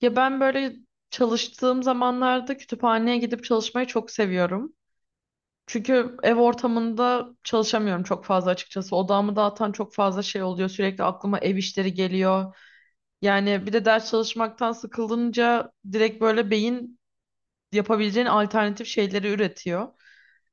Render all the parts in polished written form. Ya ben böyle çalıştığım zamanlarda kütüphaneye gidip çalışmayı çok seviyorum. Çünkü ev ortamında çalışamıyorum çok fazla açıkçası. Odağımı dağıtan çok fazla şey oluyor. Sürekli aklıma ev işleri geliyor. Yani bir de ders çalışmaktan sıkıldınca direkt böyle beyin yapabileceğin alternatif şeyleri üretiyor.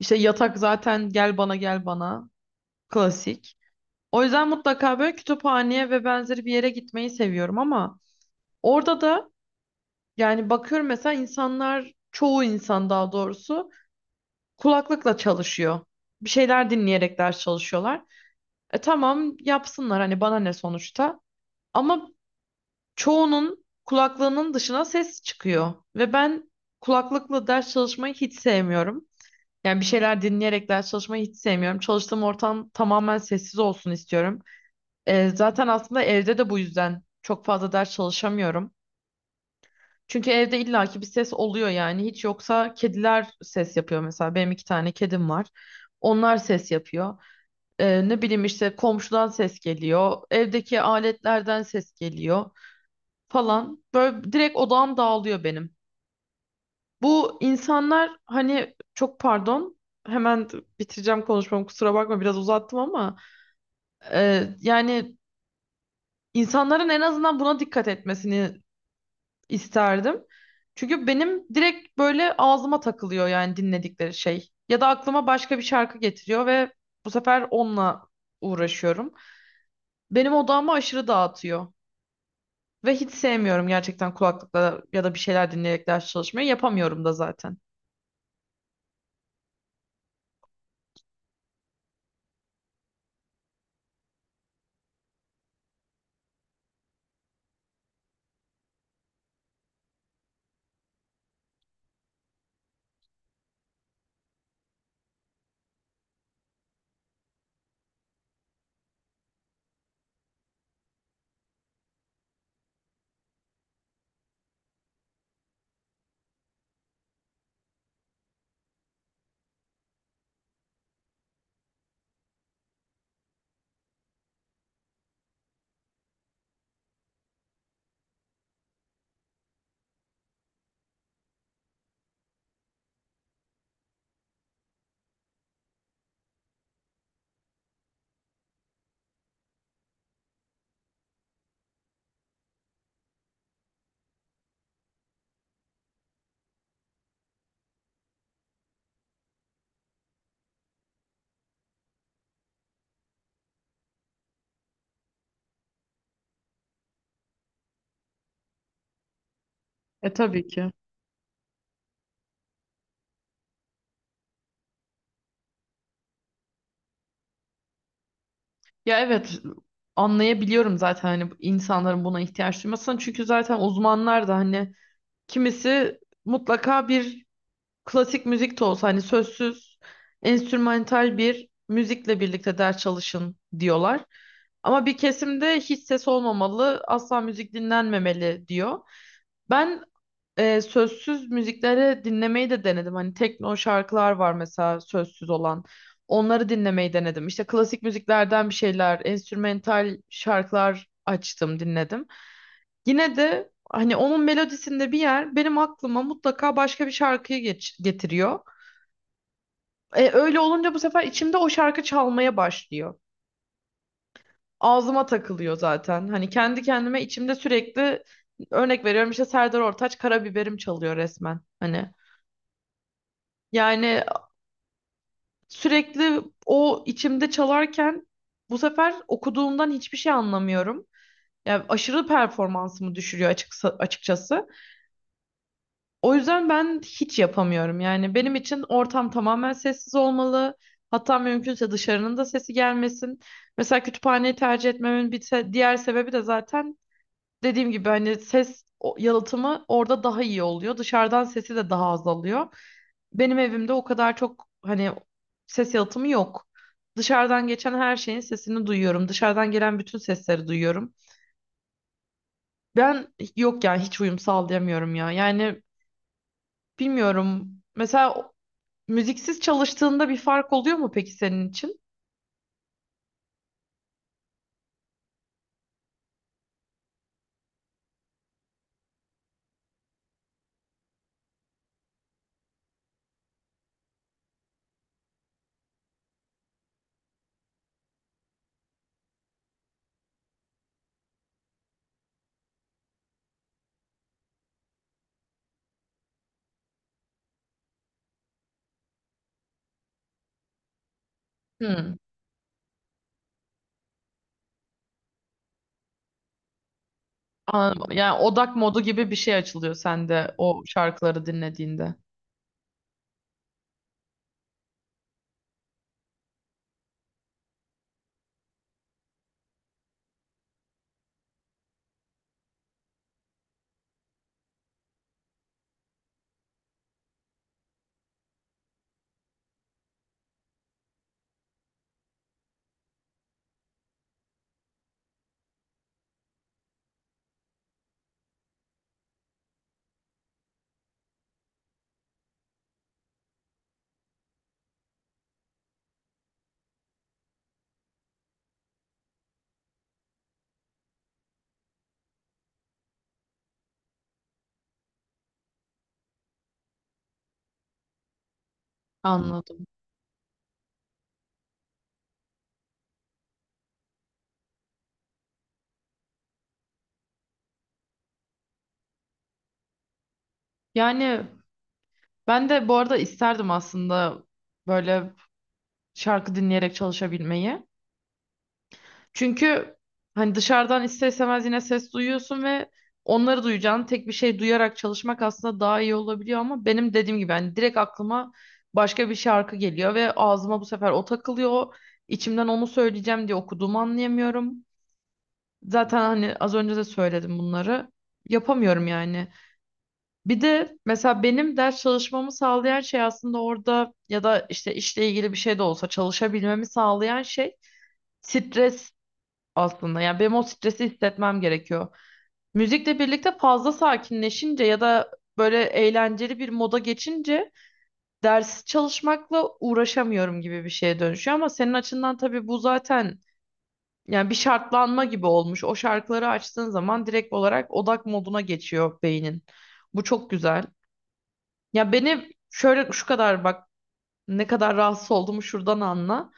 İşte yatak zaten gel bana gel bana klasik. O yüzden mutlaka böyle kütüphaneye ve benzeri bir yere gitmeyi seviyorum, ama orada da yani bakıyorum mesela insanlar, çoğu insan daha doğrusu kulaklıkla çalışıyor. Bir şeyler dinleyerek ders çalışıyorlar. E tamam, yapsınlar, hani bana ne sonuçta. Ama çoğunun kulaklığının dışına ses çıkıyor. Ve ben kulaklıkla ders çalışmayı hiç sevmiyorum. Yani bir şeyler dinleyerek ders çalışmayı hiç sevmiyorum. Çalıştığım ortam tamamen sessiz olsun istiyorum. Zaten aslında evde de bu yüzden çok fazla ders çalışamıyorum. Çünkü evde illaki bir ses oluyor yani. Hiç yoksa kediler ses yapıyor mesela. Benim iki tane kedim var. Onlar ses yapıyor. Ne bileyim işte komşudan ses geliyor. Evdeki aletlerden ses geliyor falan. Böyle direkt odağım dağılıyor benim. Bu insanlar hani çok pardon. Hemen bitireceğim konuşmamı, kusura bakma biraz uzattım, ama yani insanların en azından buna dikkat etmesini isterdim. Çünkü benim direkt böyle ağzıma takılıyor yani dinledikleri şey. Ya da aklıma başka bir şarkı getiriyor ve bu sefer onunla uğraşıyorum. Benim odağımı aşırı dağıtıyor. Ve hiç sevmiyorum gerçekten kulaklıkla ya da bir şeyler dinleyerek ders çalışmayı. Yapamıyorum da zaten. E tabii ki. Ya evet, anlayabiliyorum zaten hani insanların buna ihtiyaç duymasını. Çünkü zaten uzmanlar da hani kimisi mutlaka bir klasik müzik de olsa, hani sözsüz, enstrümantal bir müzikle birlikte ders çalışın diyorlar. Ama bir kesimde hiç ses olmamalı, asla müzik dinlenmemeli diyor. Ben sözsüz müzikleri dinlemeyi de denedim. Hani tekno şarkılar var mesela sözsüz olan. Onları dinlemeyi denedim. İşte klasik müziklerden bir şeyler, enstrümental şarkılar açtım, dinledim. Yine de hani onun melodisinde bir yer benim aklıma mutlaka başka bir şarkıyı getiriyor. Öyle olunca bu sefer içimde o şarkı çalmaya başlıyor. Ağzıma takılıyor zaten. Hani kendi kendime içimde sürekli örnek veriyorum, işte Serdar Ortaç Karabiberim çalıyor resmen. Hani yani sürekli o içimde çalarken bu sefer okuduğumdan hiçbir şey anlamıyorum. Yani aşırı performansımı düşürüyor açıkçası. O yüzden ben hiç yapamıyorum. Yani benim için ortam tamamen sessiz olmalı. Hatta mümkünse dışarının da sesi gelmesin. Mesela kütüphaneyi tercih etmemin bir diğer sebebi de zaten dediğim gibi hani ses yalıtımı orada daha iyi oluyor. Dışarıdan sesi de daha azalıyor. Benim evimde o kadar çok hani ses yalıtımı yok. Dışarıdan geçen her şeyin sesini duyuyorum. Dışarıdan gelen bütün sesleri duyuyorum. Ben yok yani hiç uyum sağlayamıyorum ya. Yani bilmiyorum. Mesela müziksiz çalıştığında bir fark oluyor mu peki senin için? Hmm. Anladım. Yani odak modu gibi bir şey açılıyor sende o şarkıları dinlediğinde. Anladım. Yani ben de bu arada isterdim aslında böyle şarkı dinleyerek çalışabilmeyi. Çünkü hani dışarıdan ister istemez yine ses duyuyorsun ve onları duyacağın tek bir şey duyarak çalışmak aslında daha iyi olabiliyor, ama benim dediğim gibi hani direkt aklıma başka bir şarkı geliyor ve ağzıma bu sefer o takılıyor. İçimden onu söyleyeceğim diye okuduğumu anlayamıyorum. Zaten hani az önce de söyledim bunları. Yapamıyorum yani. Bir de mesela benim ders çalışmamı sağlayan şey aslında orada ya da işte işle ilgili bir şey de olsa çalışabilmemi sağlayan şey stres aslında. Yani benim o stresi hissetmem gerekiyor. Müzikle birlikte fazla sakinleşince ya da böyle eğlenceli bir moda geçince ders çalışmakla uğraşamıyorum gibi bir şeye dönüşüyor. Ama senin açından tabii bu zaten yani bir şartlanma gibi olmuş. O şarkıları açtığın zaman direkt olarak odak moduna geçiyor beynin. Bu çok güzel. Ya beni şöyle şu kadar bak, ne kadar rahatsız olduğumu şuradan anla.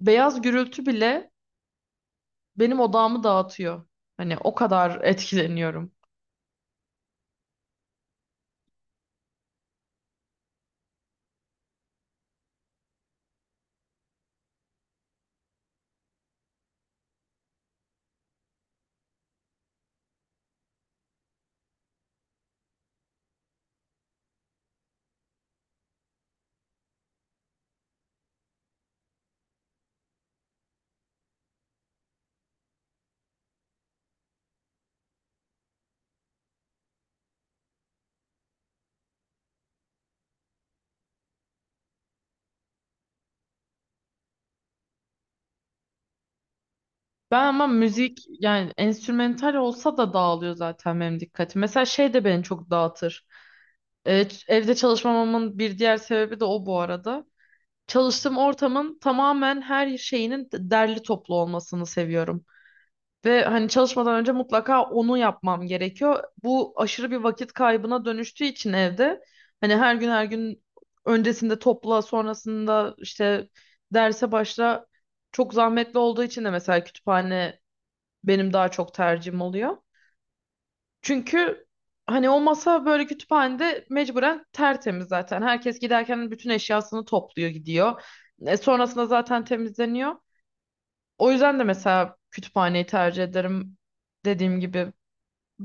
Beyaz gürültü bile benim odağımı dağıtıyor. Hani o kadar etkileniyorum. Ben ama müzik yani enstrümantal olsa da dağılıyor zaten benim dikkatim. Mesela şey de beni çok dağıtır. Evde çalışmamamın bir diğer sebebi de o bu arada. Çalıştığım ortamın tamamen her şeyinin derli toplu olmasını seviyorum. Ve hani çalışmadan önce mutlaka onu yapmam gerekiyor. Bu aşırı bir vakit kaybına dönüştüğü için evde hani her gün her gün öncesinde topla, sonrasında işte derse başla, çok zahmetli olduğu için de mesela kütüphane benim daha çok tercihim oluyor. Çünkü hani o masa böyle kütüphanede mecburen tertemiz zaten. Herkes giderken bütün eşyasını topluyor gidiyor. E, sonrasında zaten temizleniyor. O yüzden de mesela kütüphaneyi tercih ederim dediğim gibi.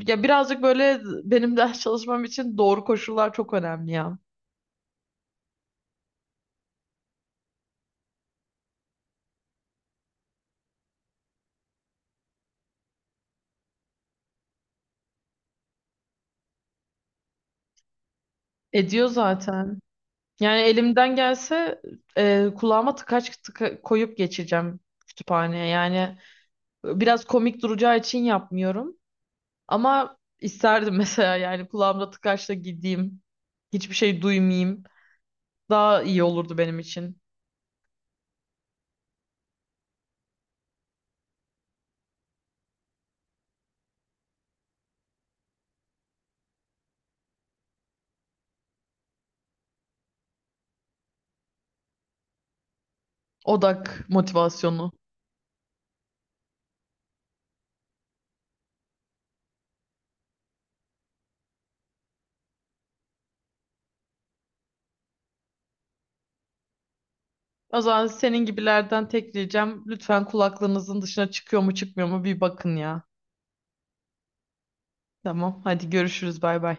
Ya birazcık böyle benim ders çalışmam için doğru koşullar çok önemli ya. Ediyor zaten. Yani elimden gelse kulağıma tıkaç tıka koyup geçeceğim kütüphaneye. Yani biraz komik duracağı için yapmıyorum. Ama isterdim mesela yani kulağımda tıkaçla gideyim. Hiçbir şey duymayayım. Daha iyi olurdu benim için. Odak motivasyonu. O zaman senin gibilerden tek ricam lütfen kulaklığınızın dışına çıkıyor mu çıkmıyor mu bir bakın ya. Tamam, hadi görüşürüz, bay bay.